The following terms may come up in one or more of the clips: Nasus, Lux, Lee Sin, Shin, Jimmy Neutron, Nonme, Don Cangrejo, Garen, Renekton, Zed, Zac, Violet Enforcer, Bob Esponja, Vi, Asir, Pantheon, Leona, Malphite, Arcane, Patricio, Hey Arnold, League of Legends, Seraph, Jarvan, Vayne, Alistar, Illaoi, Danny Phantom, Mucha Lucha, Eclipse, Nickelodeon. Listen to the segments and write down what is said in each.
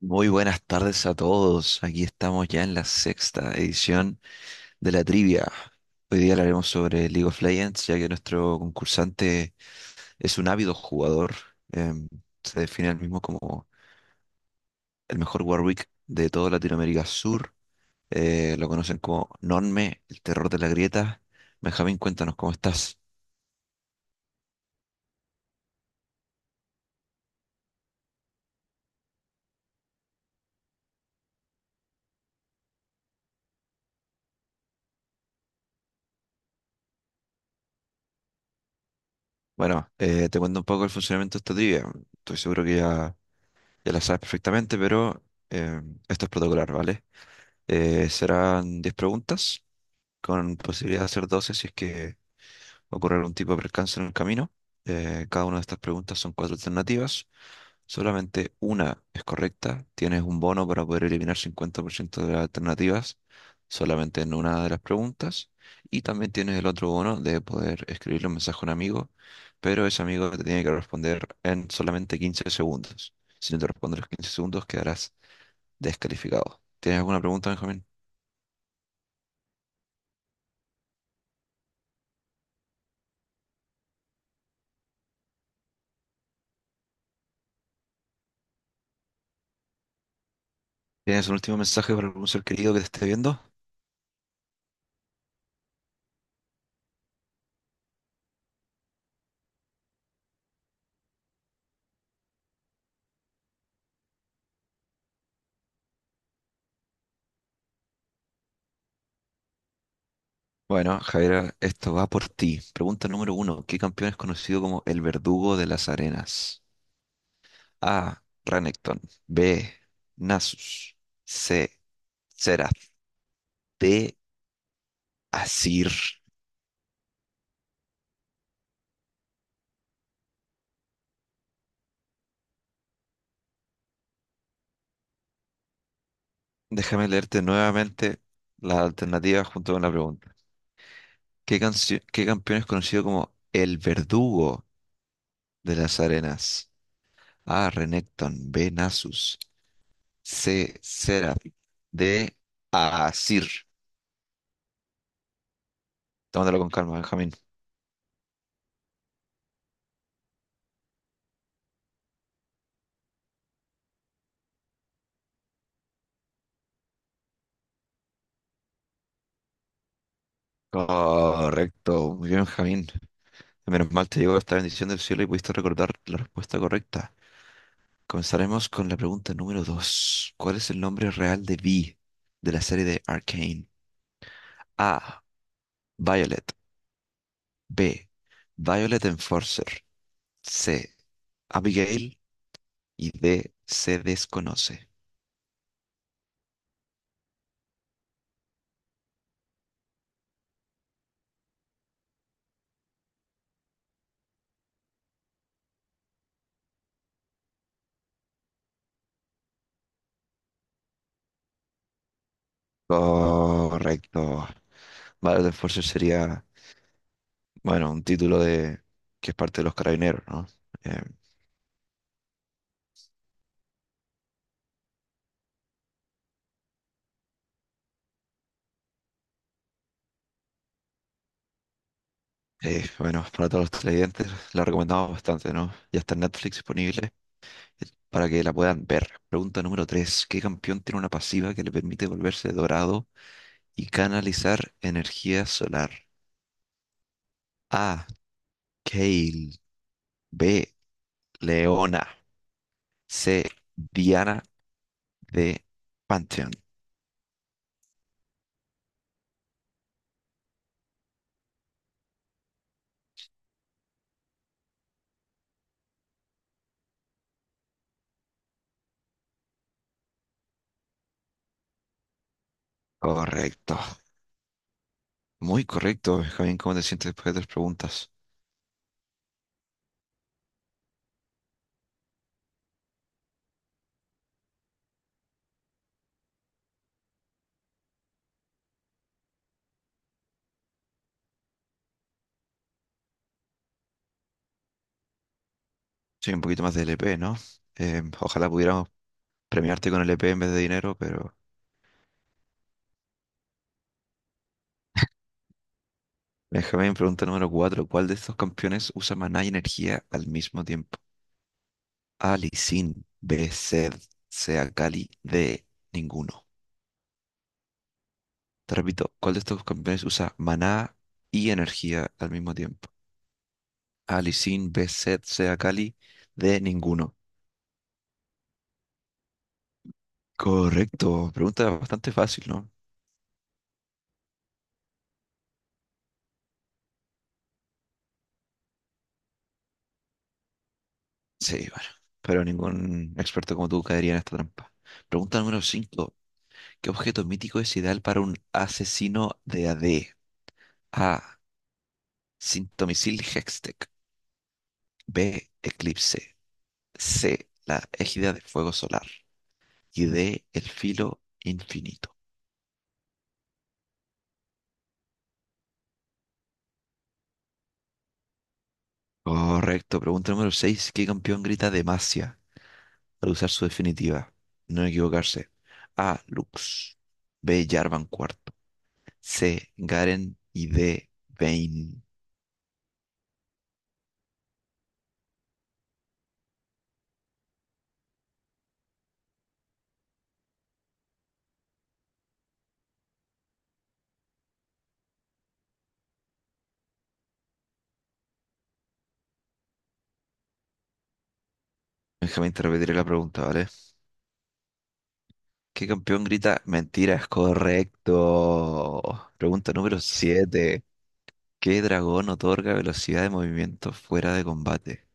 Muy buenas tardes a todos. Aquí estamos ya en la sexta edición de la trivia. Hoy día hablaremos sobre League of Legends, ya que nuestro concursante es un ávido jugador. Em, se define él mismo como el mejor Warwick de toda Latinoamérica Sur. Lo conocen como Nonme, el terror de la grieta. Benjamín, cuéntanos cómo estás. Bueno, te cuento un poco el funcionamiento de esta trivia. Estoy seguro que ya la sabes perfectamente, pero esto es protocolar, ¿vale? Serán 10 preguntas, con posibilidad de hacer 12 si es que ocurre algún tipo de percance en el camino. Cada una de estas preguntas son cuatro alternativas. Solamente una es correcta. Tienes un bono para poder eliminar 50% de las alternativas solamente en una de las preguntas. Y también tienes el otro bono de poder escribirle un mensaje a un amigo, pero ese amigo te tiene que responder en solamente 15 segundos. Si no te responde en los 15 segundos, quedarás descalificado. ¿Tienes alguna pregunta, Benjamín? ¿Tienes un último mensaje para algún ser querido que te esté viendo? Bueno, Javier, esto va por ti. Pregunta número uno. ¿Qué campeón es conocido como el verdugo de las arenas? A. Renekton. B. Nasus. C. Seraph. D. Asir. Déjame leerte nuevamente la alternativa junto con la pregunta. ¿Qué campeón es conocido como el verdugo de las arenas? A. Renekton. B. Nasus. C. Seraph. D. Asir. Tómatelo con calma, Benjamín. Correcto, muy bien, Benjamín. Menos mal te llegó esta bendición del cielo y pudiste recordar la respuesta correcta. Comenzaremos con la pregunta número dos. ¿Cuál es el nombre real de Vi de la serie de Arcane? A. Violet. B. Violet Enforcer. C. Abigail. Y D. Se desconoce. Correcto. Violet Enforcer sería, bueno, un título de que es parte de los carabineros, ¿no? Em, bueno, para todos los televidentes la recomendamos bastante, ¿no? Ya está en Netflix disponible para que la puedan ver. Pregunta número 3: ¿Qué campeón tiene una pasiva que le permite volverse dorado y canalizar energía solar? A. Kale. B. Leona. C. Diana. D. Pantheon. Correcto. Muy correcto, Javier. ¿Cómo te sientes después de tres preguntas? Soy un poquito más de LP, ¿no? Ojalá pudiéramos premiarte con el EP en vez de dinero, pero, Benjamín, pregunta número cuatro. ¿Cuál de estos campeones usa maná y energía al mismo tiempo? A, Lee Sin. B, Zed. C, Akali. D, ninguno. Te repito, ¿cuál de estos campeones usa maná y energía al mismo tiempo? A, Lee Sin. B, Zed. C, Akali. D, ninguno. Correcto. Pregunta bastante fácil, ¿no? Sí, bueno. Pero ningún experto como tú caería en esta trampa. Pregunta número cinco. ¿Qué objeto mítico es ideal para un asesino de A D? A. Sintomisil Hextech. B. Eclipse. C. La égida de fuego solar. Y D. El filo infinito. Correcto. Pregunta número seis. ¿Qué campeón grita Demacia al usar su definitiva? No equivocarse. A. Lux. B. Jarvan cuarto. C. Garen. Y D. Vayne. Déjame te repetiré la pregunta, ¿vale? ¿Qué campeón grita mentiras? Correcto. Pregunta número siete. ¿Qué dragón otorga velocidad de movimiento fuera de combate?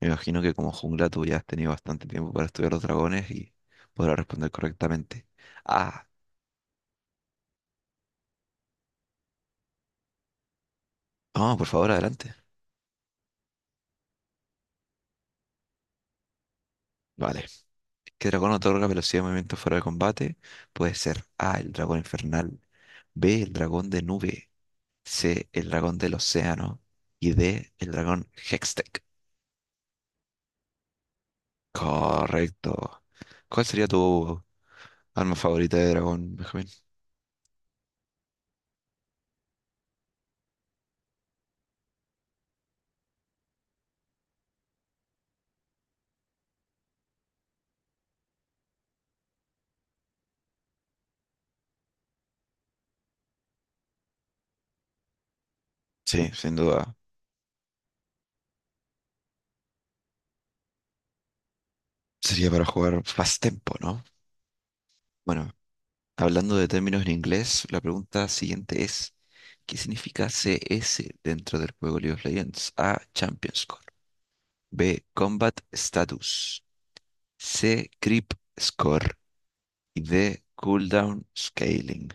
Me imagino que como jungla tú ya has tenido bastante tiempo para estudiar los dragones y podrás responder correctamente. Ah, no, por favor, adelante. Vale. ¿Qué dragón otorga velocidad de movimiento fuera de combate? Puede ser A, el dragón infernal, B, el dragón de nube, C, el dragón del océano y D, el dragón Hextech. Correcto. ¿Cuál sería tu arma favorita de dragón, Benjamín? Sí, sin duda. Sería para jugar Fast Tempo, ¿no? Bueno, hablando de términos en inglés, la pregunta siguiente es, ¿qué significa CS dentro del juego League of Legends? A. Champion Score. B. Combat Status. C. Creep Score. Y D. Cooldown Scaling.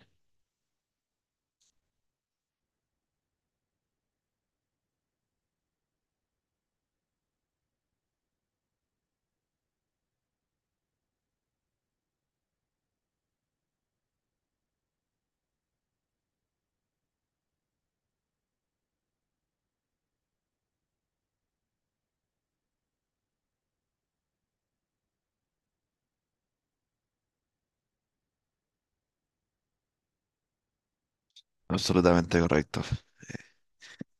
Absolutamente correcto.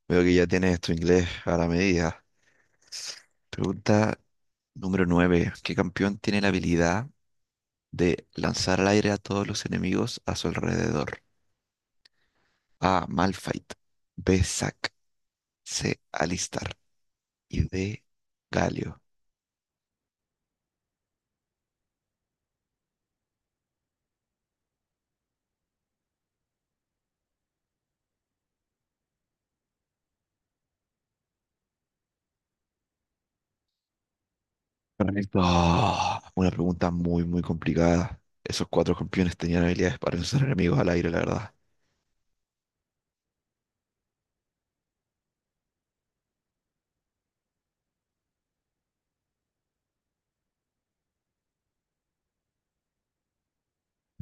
Veo que ya tienes tu inglés a la medida. Pregunta número 9: ¿Qué campeón tiene la habilidad de lanzar al aire a todos los enemigos a su alrededor? A. Malphite. B. Zac. C, alistar y D, Galio. Correcto. Ah, una pregunta muy, muy complicada. Esos cuatro campeones tenían habilidades para usar enemigos al aire, la verdad.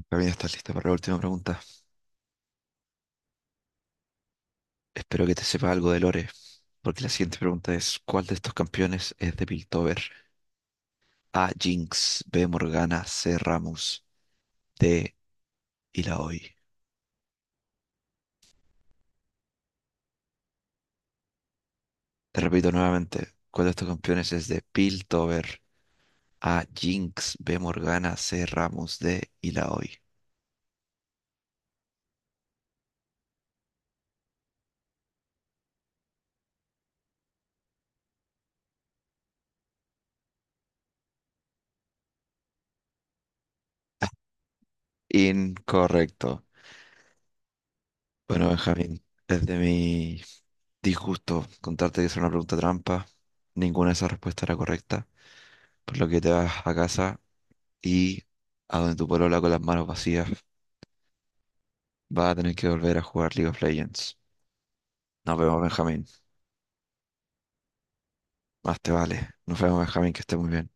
Camila, ¿estás lista para la última pregunta? Espero que te sepa algo de Lore, porque la siguiente pregunta es, ¿cuál de estos campeones es de Piltover? A, Jinx, B, Morgana, C, Ramus, D, Illaoi. Te repito nuevamente, ¿cuál de estos campeones es de Piltover? A, Jinx, B, Morgana, C, Ramus, D, Illaoi. Incorrecto. Bueno, Benjamín, desde mi disgusto contarte que es una pregunta trampa, ninguna de esas respuestas era correcta, por lo que te vas a casa y a donde tu polola con las manos vacías va a tener que volver a jugar League of Legends. Nos vemos, Benjamín. Más te vale. Nos vemos, Benjamín, que estés muy bien.